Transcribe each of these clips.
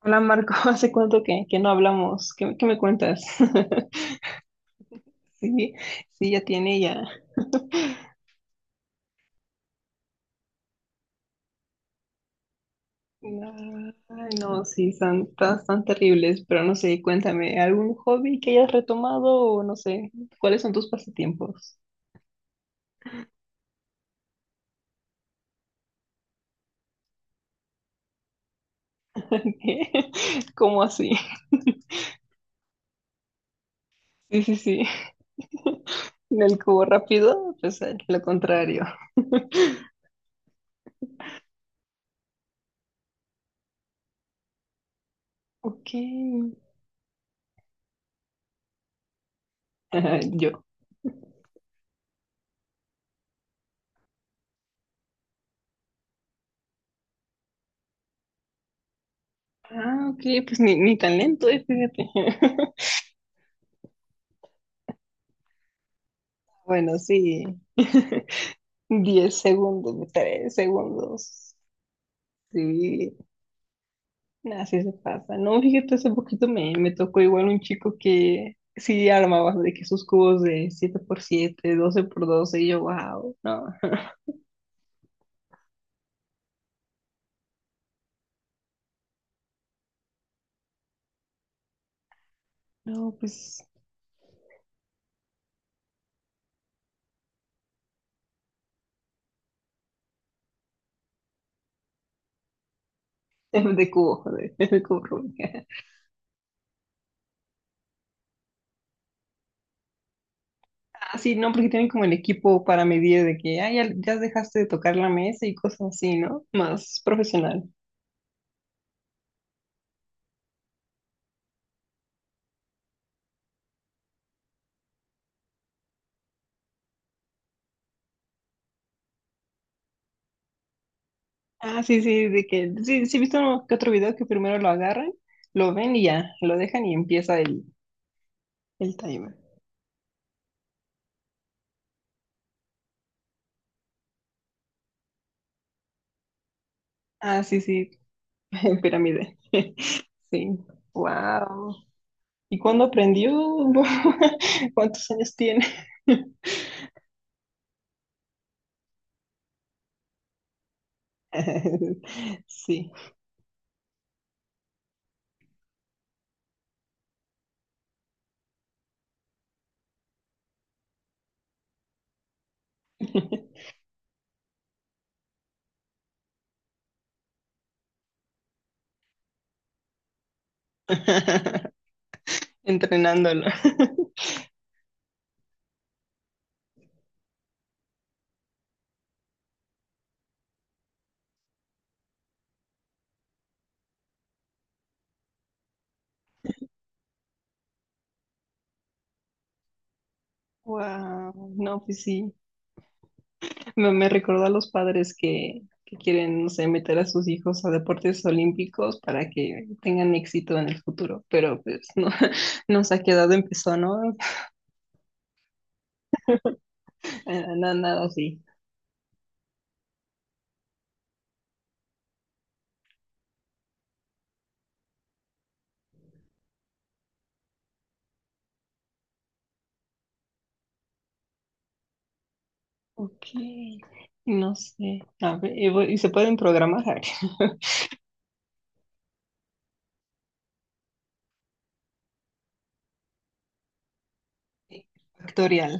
Hola Marco, ¿hace cuánto que no hablamos? ¿Qué me cuentas? Sí, sí, ya tiene ya. Ay, no, sí, son tan terribles, pero no sé, cuéntame, ¿algún hobby que hayas retomado o no sé, cuáles son tus pasatiempos? ¿Qué? ¿Cómo así? Sí, sí, sí. En el cubo rápido, pues lo contrario. Ok. Ajá, yo. Ah, ok, pues ni talento, fíjate. Bueno, sí. 10 segundos, 3 segundos. Sí, nada, sí se pasa. No, fíjate, hace poquito me tocó igual un chico que sí armaba de que sus cubos de 7x7, 12x12 y yo, wow, no, no, pues es de es de cubo Rubik. Ah, sí, no, porque tienen como el equipo para medir de que, ah, ya dejaste de tocar la mesa y cosas así, ¿no? Más profesional. Ah, sí, sí, de que, sí, sí, he visto uno que otro video que primero lo agarran, lo ven y ya, lo dejan y empieza el timer. Ah, sí, sí, en pirámide. Sí. Wow. ¿Y cuándo aprendió? ¿Cuántos años tiene? Sí. Entrenándolo. Wow. No, pues sí. Me recordó a los padres que quieren, no sé, meter a sus hijos a deportes olímpicos para que tengan éxito en el futuro. Pero pues no, nos ha quedado empezó, ¿no? Nada así. Ok, no sé. A ver, y y se pueden programar ay, factorial.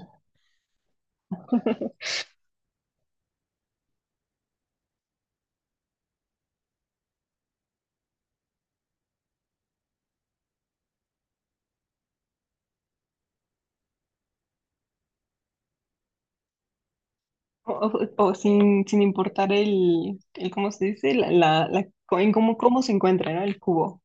O sin, sin importar ¿cómo se dice? En cómo, cómo se encuentra, ¿no? El cubo.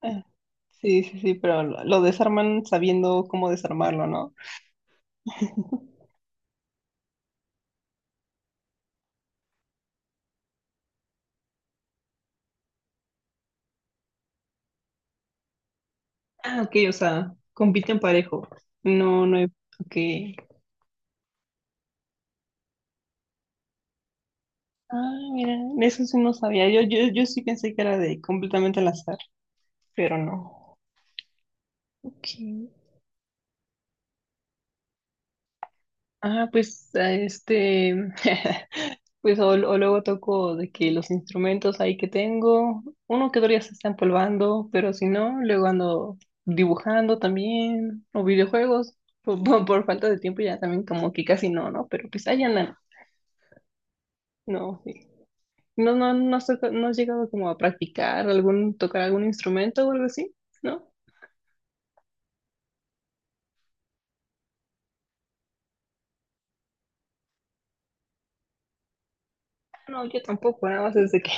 Ah, sí, sí, sí, pero lo desarman sabiendo cómo desarmarlo, ¿no? Ah, ok, o sea, compiten parejo. No, no hay... Ok. Ah, mira, eso sí no sabía. Yo sí pensé que era de completamente al azar, pero no. Ok. Ah, pues a este, pues o luego toco de que los instrumentos ahí que tengo, uno que todavía se está empolvando, pero si no, luego ando dibujando también, o videojuegos, por falta de tiempo ya también como que casi no, ¿no? Pero pues ahí andan, no, sí. No, no, no, has no has llegado como a practicar algún, tocar algún instrumento o algo así, ¿no? No, yo tampoco, nada más desde que,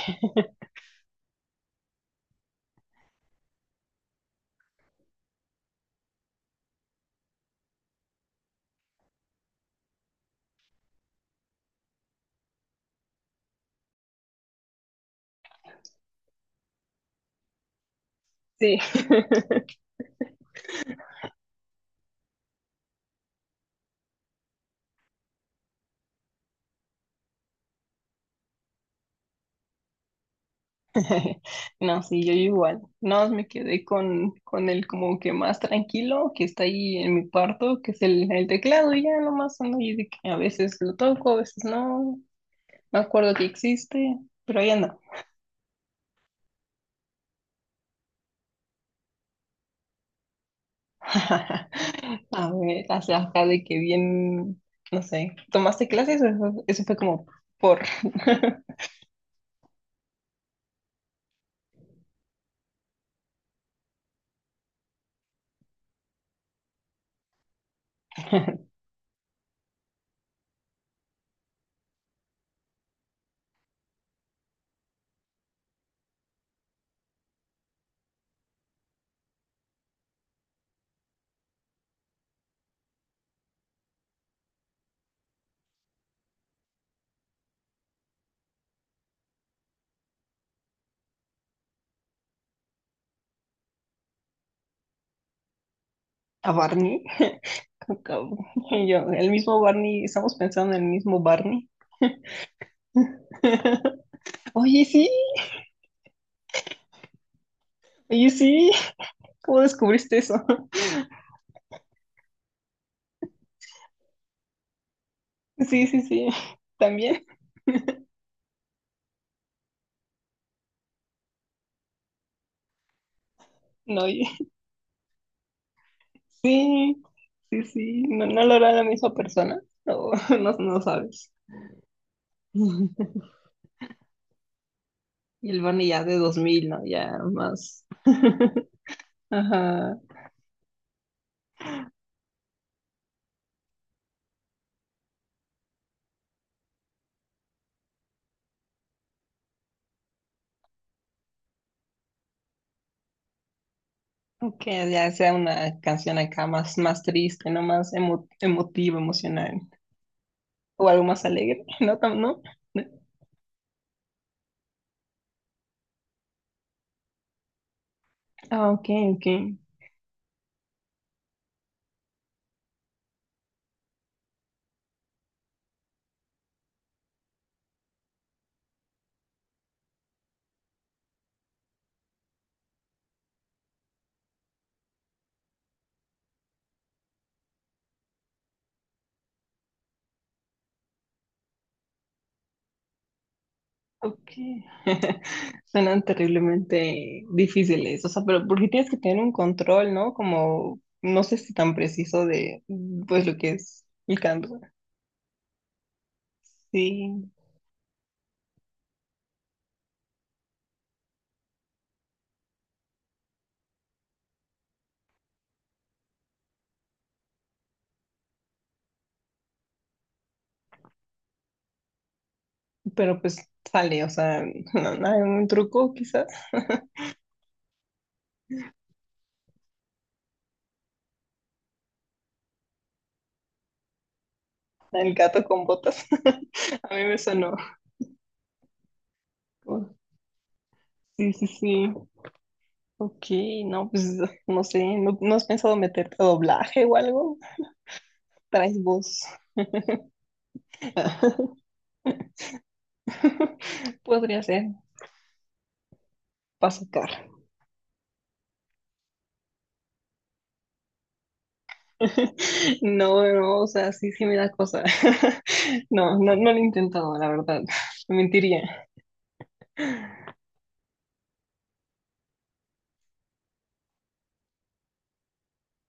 sí. No, sí, yo igual. No, me quedé con el como que más tranquilo que está ahí en mi cuarto, que es el teclado, y ya nomás ando ahí de que a veces lo toco, a veces no, me acuerdo que existe, pero ahí anda. A ver, hacia acá de que bien, no sé, ¿tomaste clases o eso fue como por a Barney? Como- y yo, el mismo Barney, estamos pensando en el mismo Barney. Oye, sí, oye, sí. ¿Cómo descubriste eso? Sí, sí, sí. También. No, y- sí, sí, sí. No, no lo hará la misma persona. No, no, no sabes. Y el Barney ya de 2000, ¿no? Ya más. Ajá. Que ya sea una canción acá más, más triste, ¿no? Más emotiva, emocional. O algo más alegre, ¿no? Tam- ¿no? Ah, ok, ok. Ok. Suenan terriblemente difíciles, o sea, pero porque tienes que tener un control, ¿no? Como, no sé si tan preciso de, pues, lo que es el canto. Sí, pero pues sale, o sea, no, no hay un truco quizás. El gato con botas. A mí me sonó como, sí, sí, sí. Ok, no, pues, no sé, ¿no, no has pensado meterte a doblaje o algo? Traes voz. Podría ser, para sacar. No, no, o sea, sí, sí me da cosa. No, no, no lo he intentado, la verdad. Me mentiría,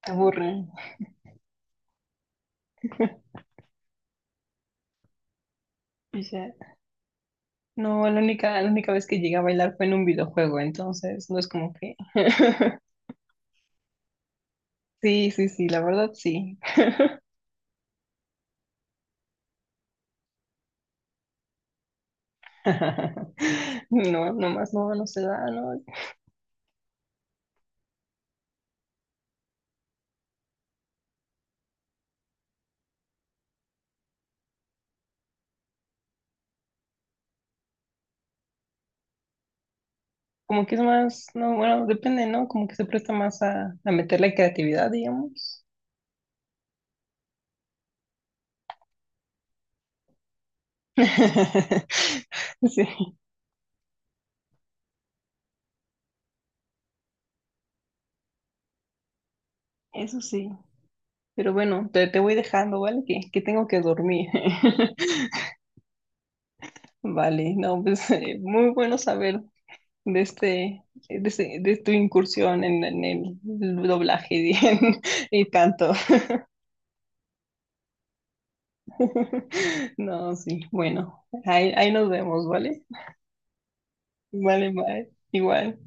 aburre. Y ya. No, la única vez que llegué a bailar fue en un videojuego, entonces no es como que. Sí, sí, sí, la verdad sí. No, nomás no, no se da, ¿no? Como que es más, no, bueno, depende, ¿no? Como que se presta más a meter la creatividad, digamos. Sí, eso sí. Pero bueno, te voy dejando, ¿vale? Que tengo que dormir. Vale, no, pues muy bueno saber de este, de tu incursión en el doblaje y, en- y tanto. No, sí, bueno, ahí, ahí nos vemos, ¿vale? Vale, bye, igual.